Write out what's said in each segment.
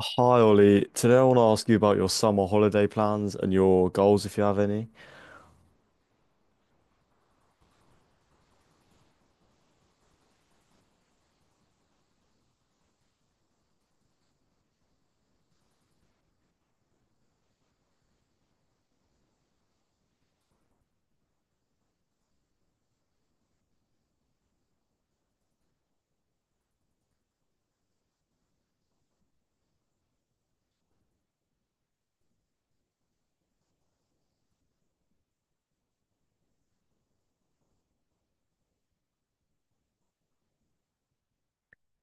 Hi Ollie, today I want to ask you about your summer holiday plans and your goals if you have any.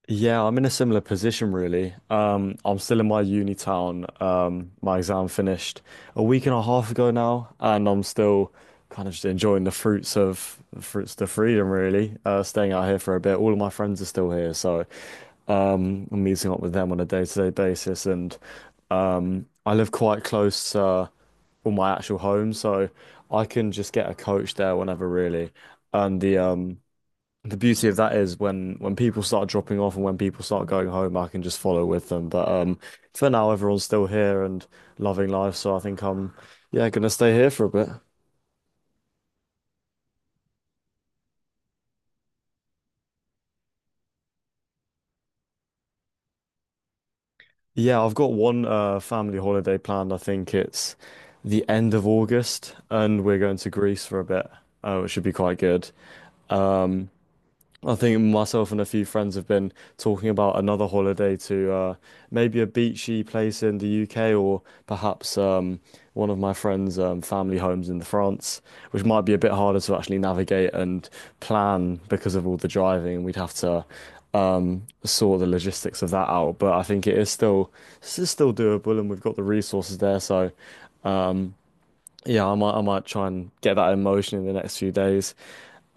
Yeah, I'm in a similar position really. I'm still in my uni town. My exam finished a week and a half ago now, and I'm still kind of just enjoying the fruits of freedom really. Staying out here for a bit. All of my friends are still here, so I'm meeting up with them on a day-to-day basis, and I live quite close to well, my actual home, so I can just get a coach there whenever, really. And the beauty of that is when people start dropping off and when people start going home, I can just follow with them. But for now, everyone's still here and loving life, so I think I'm yeah gonna stay here for a bit. Yeah, I've got one family holiday planned. I think it's the end of August, and we're going to Greece for a bit, which should be quite good. Um, I think myself and a few friends have been talking about another holiday to maybe a beachy place in the UK, or perhaps one of my friends' family homes in France, which might be a bit harder to actually navigate and plan because of all the driving. We'd have to sort the logistics of that out, but I think it is still this is still doable, and we've got the resources there. So um, yeah, I might try and get that in motion in the next few days.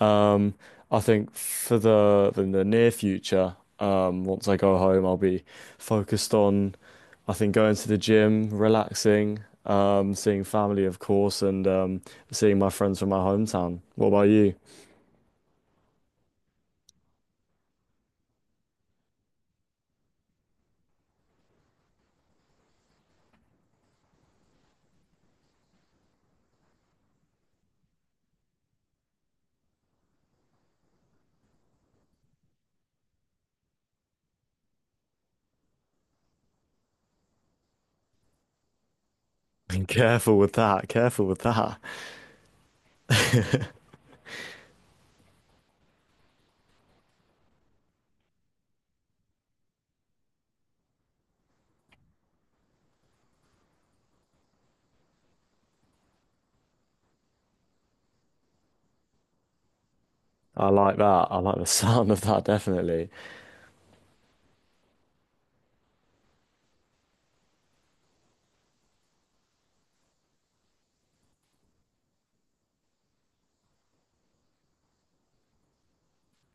Um, I think for the near future, once I go home, I'll be focused on I think going to the gym, relaxing, seeing family, of course, and seeing my friends from my hometown. What about you? Careful with that. Careful with that. I like that. I like the sound of that, definitely.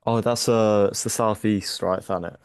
Oh, that's it's the southeast, right, Thanet?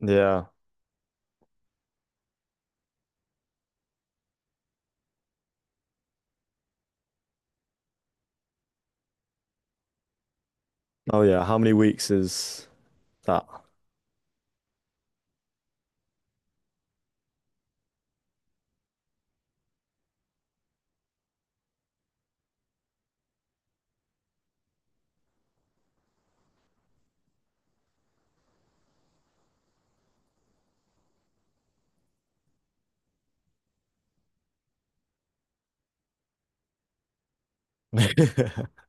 Yeah. Oh, yeah. How many weeks is that?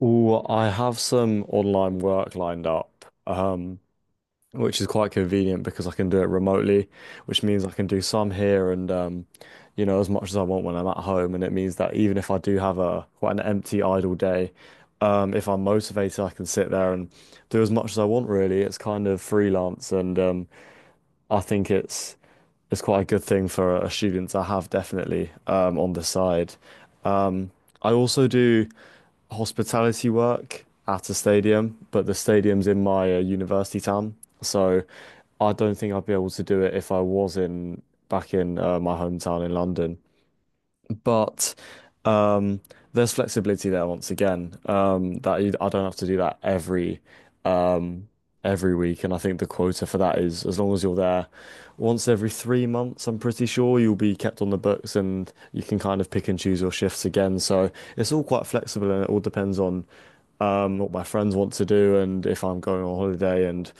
Oh, I have some online work lined up, which is quite convenient because I can do it remotely, which means I can do some here and you know, as much as I want when I'm at home. And it means that even if I do have a quite an empty, idle day, if I'm motivated, I can sit there and do as much as I want, really. It's kind of freelance and I think it's quite a good thing for a student to have definitely on the side. Um, I also do hospitality work at a stadium, but the stadium's in my university town, so I don't think I'd be able to do it if I was in back in my hometown in London, but um, there's flexibility there once again. I don't have to do that um, every week, and I think the quota for that is as long as you're there once every 3 months. I'm pretty sure you'll be kept on the books, and you can kind of pick and choose your shifts again. So it's all quite flexible, and it all depends on what my friends want to do and if I'm going on holiday, and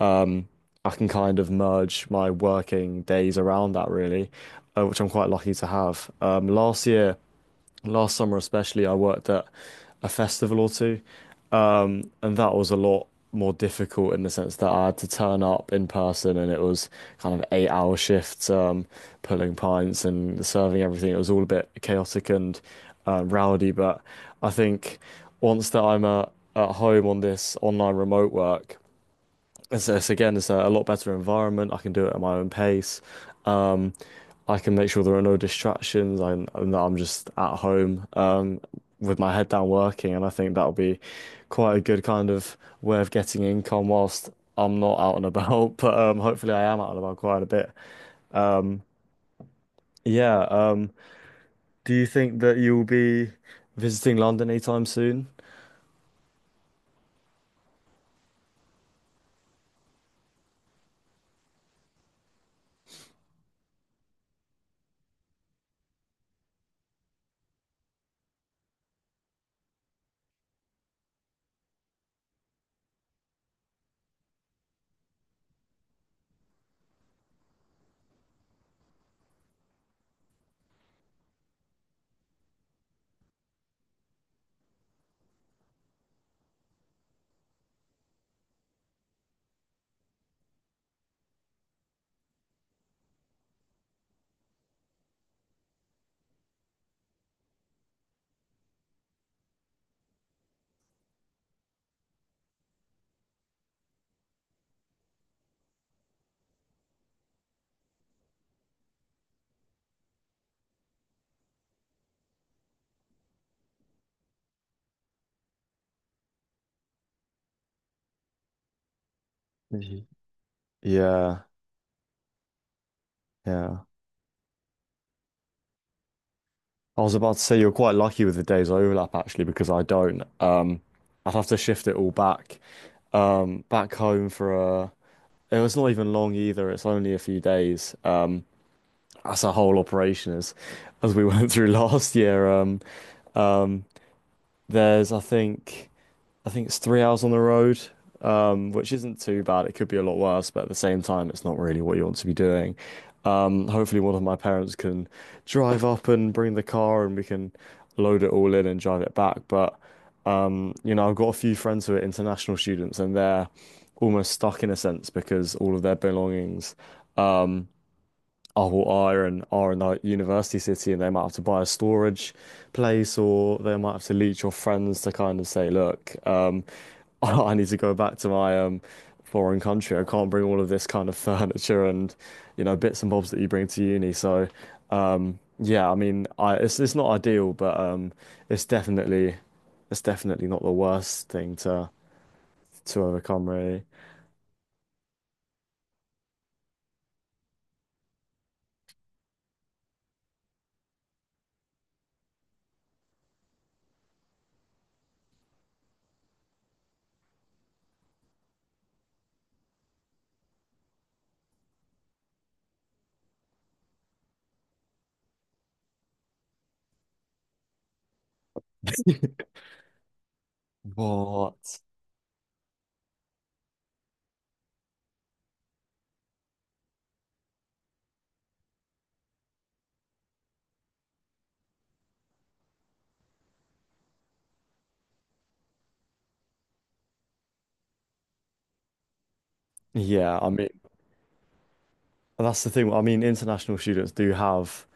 um, I can kind of merge my working days around that really, which I'm quite lucky to have. Last summer especially, I worked at a festival or two, and that was a lot more difficult in the sense that I had to turn up in person, and it was kind of eight-hour shifts, pulling pints and serving everything. It was all a bit chaotic and rowdy, but I think once that I'm at home on this online remote work. It's again, it's a lot better environment. I can do it at my own pace. Um, I can make sure there are no distractions. And that I'm just at home with my head down working, and I think that'll be quite a good kind of way of getting income whilst I'm not out and about. But hopefully, I am out and about quite a bit. Yeah. Do you think that you'll be visiting London anytime soon? Mhm. Yeah. Yeah. I was about to say you're quite lucky with the days overlap actually because I don't. I'd have to shift it all back back home for a. It was not even long either. It's only a few days. That's a whole operation as we went through last year. Um, there's I think. I think it's 3 hours on the road, which isn't too bad. It could be a lot worse, but at the same time, it's not really what you want to be doing. Hopefully, one of my parents can drive up and bring the car, and we can load it all in and drive it back. But you know, I've got a few friends who are international students, and they're almost stuck in a sense because all of their belongings. um, oh, well, are in a university city, and they might have to buy a storage place, or they might have to leech your friends to kind of say, look, I need to go back to my foreign country. I can't bring all of this kind of furniture and you know bits and bobs that you bring to uni. So, yeah, I mean, I it's not ideal, but it's definitely it's definitely not the worst thing to overcome, really. What? Yeah, I mean. And that's the thing. I mean, international students do have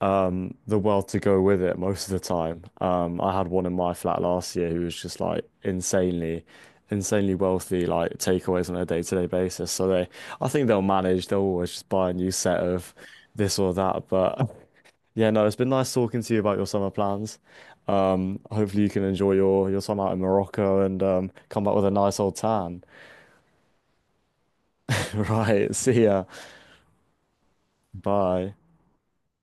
the world to go with it most of the time. I had one in my flat last year who was just like insanely wealthy, like takeaways on a day-to-day basis. So they, I think they'll manage. They'll always just buy a new set of this or that. But yeah, no, it's been nice talking to you about your summer plans. Hopefully you can enjoy your time out in Morocco and come back with a nice old tan. Right. See ya. Bye.